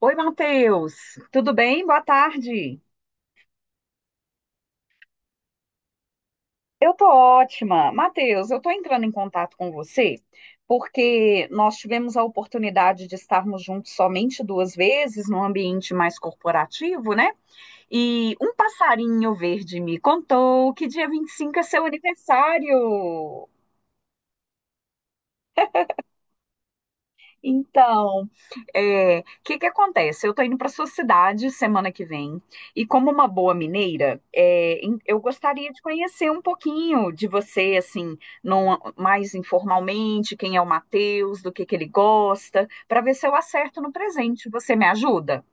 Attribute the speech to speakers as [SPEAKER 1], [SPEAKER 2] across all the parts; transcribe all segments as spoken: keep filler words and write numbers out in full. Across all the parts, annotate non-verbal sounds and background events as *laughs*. [SPEAKER 1] Oi, Matheus. Tudo bem? Boa tarde. Eu tô ótima. Matheus, eu tô entrando em contato com você porque nós tivemos a oportunidade de estarmos juntos somente duas vezes num ambiente mais corporativo, né? E um passarinho verde me contou que dia vinte e cinco é seu aniversário. Então, é, o que que acontece? Eu tô indo para sua cidade semana que vem e como uma boa mineira, é, em- eu gostaria de conhecer um pouquinho de você, assim, num- mais informalmente, quem é o Matheus, do que que ele gosta, para ver se eu acerto no presente. Você me ajuda?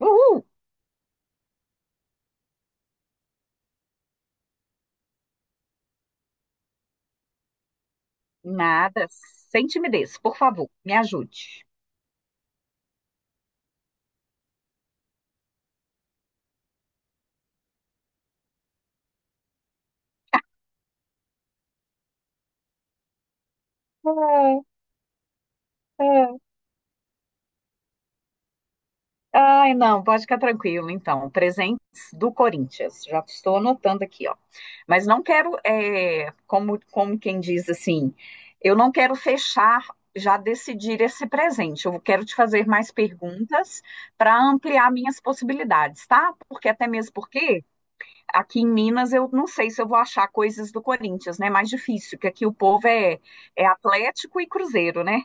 [SPEAKER 1] Uhul! Nada, sem timidez, por favor, me ajude. *laughs* Ai, não, pode ficar tranquilo, então. Presentes do Corinthians. Já estou anotando aqui, ó. Mas não quero, é, como, como quem diz assim, eu não quero fechar, já decidir esse presente. Eu quero te fazer mais perguntas para ampliar minhas possibilidades, tá? Porque até mesmo porque aqui em Minas eu não sei se eu vou achar coisas do Corinthians, né? É mais difícil, porque aqui o povo é, é Atlético e Cruzeiro, né?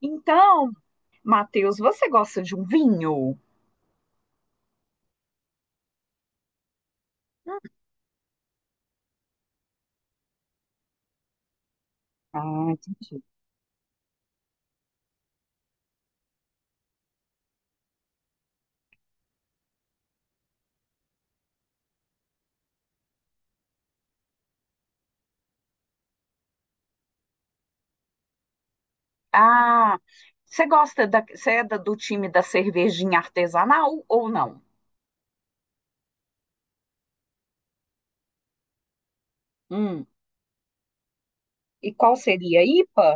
[SPEAKER 1] Então, Matheus, você gosta de um vinho? Ah, entendi. Ah, você gosta da, você é da- do time da cervejinha artesanal ou não? Hum. E qual seria? ipa?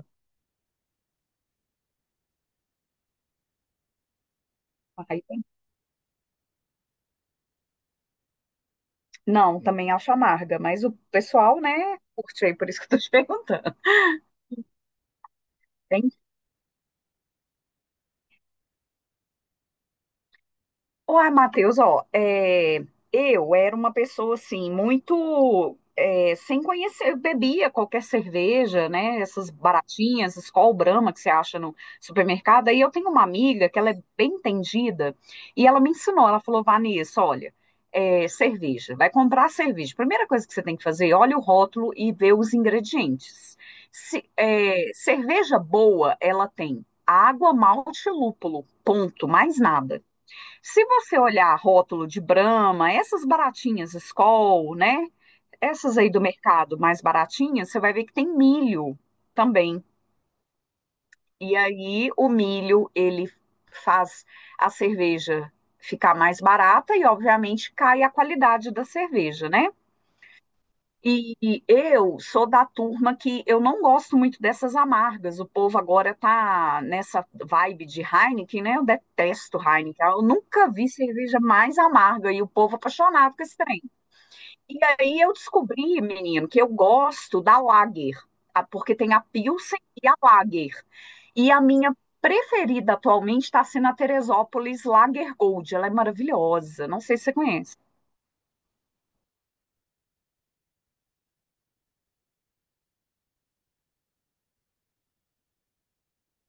[SPEAKER 1] Ah, I P A? Não, também acho amarga, mas o pessoal, né, curte aí, por isso que eu tô te *laughs* perguntando. Uai, Matheus, ó, é, eu era uma pessoa assim, muito é, sem conhecer, eu bebia qualquer cerveja, né? Essas baratinhas, Skol Brahma que você acha no supermercado. Aí eu tenho uma amiga que ela é bem entendida e ela me ensinou, ela falou, Vanessa, olha, é, cerveja, vai comprar cerveja. Primeira coisa que você tem que fazer, olha o rótulo e vê os ingredientes. Se- é, cerveja boa, ela tem água, malte e lúpulo, ponto, mais nada. Se você olhar rótulo de Brahma, essas baratinhas Skol, né? Essas aí do mercado mais baratinhas, você vai ver que tem milho também. E aí o milho, ele faz a cerveja ficar mais barata e, obviamente, cai a qualidade da cerveja, né? E e eu sou da turma que eu não gosto muito dessas amargas. O povo agora tá nessa vibe de Heineken, né? Eu detesto Heineken. Eu nunca vi cerveja mais amarga e o povo apaixonado com esse trem. E aí eu descobri, menino, que eu gosto da Lager, a- porque tem a Pilsen e a Lager. E a minha preferida atualmente está sendo a Teresópolis Lager Gold. Ela é maravilhosa. Não sei se você conhece.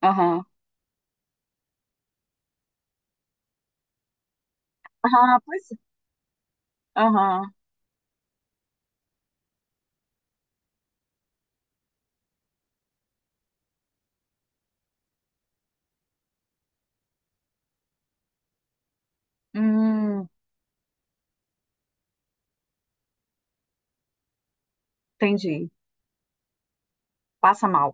[SPEAKER 1] Aham. Aham, pois é. Aham. Hum. Entendi. Passa mal.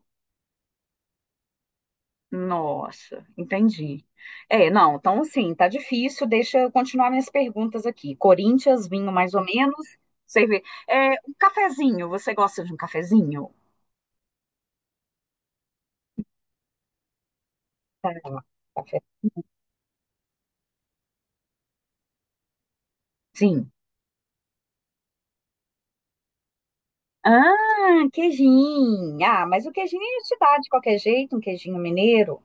[SPEAKER 1] Nossa, entendi. É, não, então assim, tá difícil. Deixa eu continuar minhas perguntas aqui. Corinthians, vinho mais ou menos. Você vê. É, um cafezinho, você gosta de um cafezinho? Tá, cafezinho. Ah, queijinho. Ah, mas o queijinho a gente dá de qualquer jeito, um queijinho mineiro.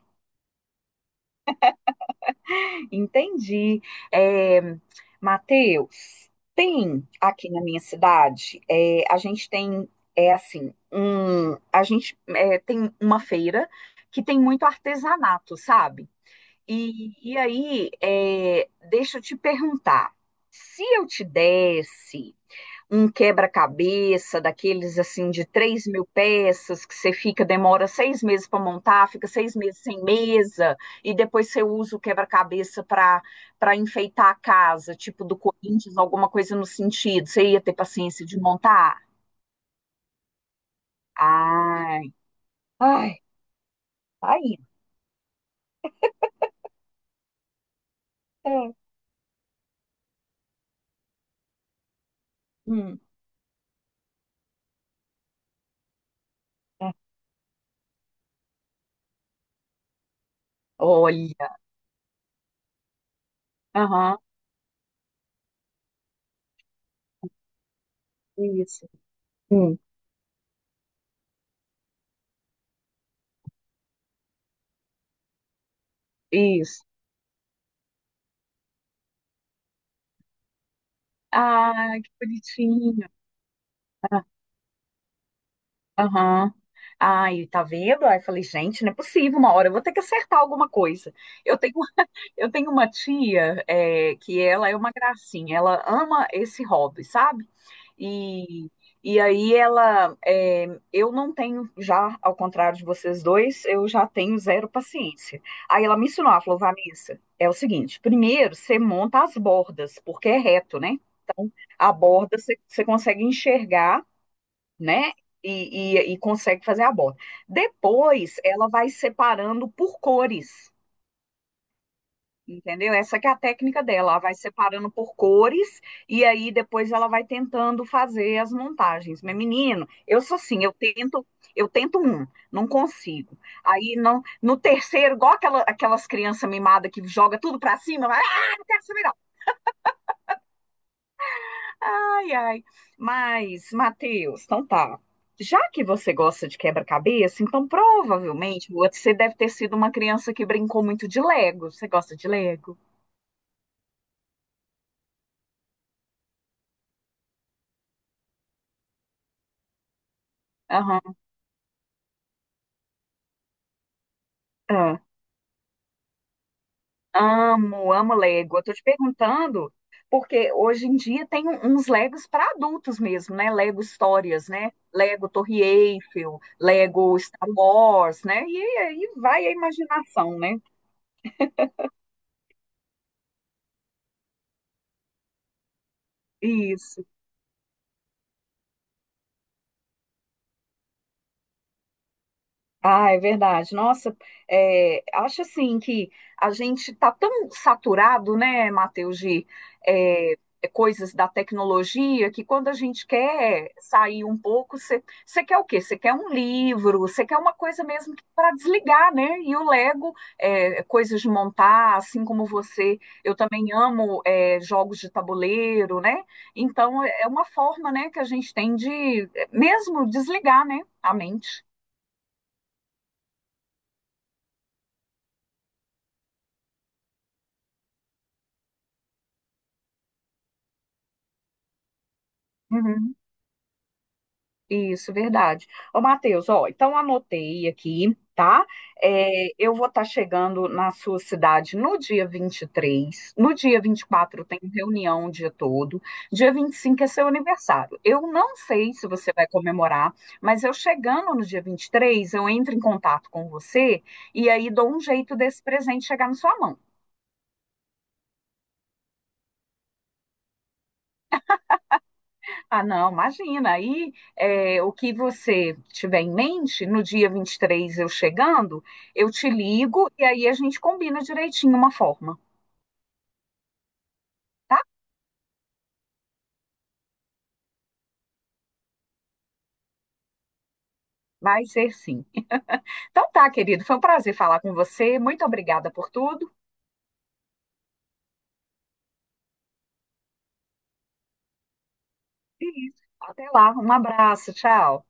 [SPEAKER 1] Entendi. É, Matheus, tem aqui na minha cidade, é, a gente tem, é assim, um, a gente é, tem uma feira que tem muito artesanato, sabe? E, e aí, é, deixa eu te perguntar, se eu te desse um quebra-cabeça daqueles assim de três mil peças que você fica, demora seis meses para montar, fica seis meses sem mesa, e depois você usa o quebra-cabeça para para enfeitar a casa, tipo do Corinthians, alguma coisa no sentido. Você ia ter paciência de montar? Ai, ai, tá aí. É, Hum, é. Olha, aham, isso, hum, isso. Ai, que bonitinho. Aham. Ai, tá vendo? Aí eu falei, gente, não é possível, uma hora eu vou ter que acertar alguma coisa. Eu tenho, eu tenho uma tia, é, que ela é uma gracinha, ela ama esse hobby, sabe? E, e aí ela, é, eu não tenho, já, ao contrário de vocês dois, eu já tenho zero paciência. Aí ela me ensinou, ela falou, Vanessa, é o seguinte, primeiro você monta as bordas, porque é reto, né? Então, a borda você você consegue enxergar, né? E, e, e consegue fazer a borda. Depois, ela vai separando por cores, entendeu? Essa que é a técnica dela. Ela vai separando por cores e aí depois ela vai tentando fazer as montagens. Mas, menino, eu sou assim, eu tento, eu tento um, não consigo. Aí não, no terceiro, igual aquela, aquelas crianças mimadas que joga tudo pra cima, vai, ah, não quero saber. Ai, ai. Mas, Matheus, então tá. Já que você gosta de quebra-cabeça, então provavelmente você deve ter sido uma criança que brincou muito de Lego. Você gosta de Lego? Aham. Ah, Amo, amo Lego. Eu tô te perguntando porque hoje em dia tem um- uns Legos para adultos mesmo, né? Lego Histórias, né? Lego Torre Eiffel, Lego Star Wars, né? E aí vai a imaginação, né? Isso. Ah, é verdade. Nossa, é, acho assim que a gente está tão saturado, né, Matheus, de é, coisas da tecnologia, que quando a gente quer sair um pouco, você quer o quê? Você quer um livro, você quer uma coisa mesmo para desligar, né? E o Lego, é, coisas de montar, assim como você, eu também amo é, jogos de tabuleiro, né? Então, é é uma forma, né, que a gente tem de é, mesmo desligar, né, a mente. Uhum. Isso, verdade. Ô, Matheus, ó, então anotei aqui, tá? É, eu vou estar chegando na sua cidade no dia vinte e três. No dia vinte e quatro tem reunião o dia todo. Dia vinte e cinco é seu aniversário. Eu não sei se você vai comemorar, mas eu chegando no dia vinte e três eu entro em contato com você e aí dou um jeito desse presente chegar na sua mão. Ah, não, imagina. Aí, é, o que você tiver em mente, no dia vinte e três eu chegando, eu te ligo e aí a gente combina direitinho uma forma. Vai ser sim. Então tá, querido, foi um prazer falar com você. Muito obrigada por tudo. E isso, até lá, um abraço, tchau.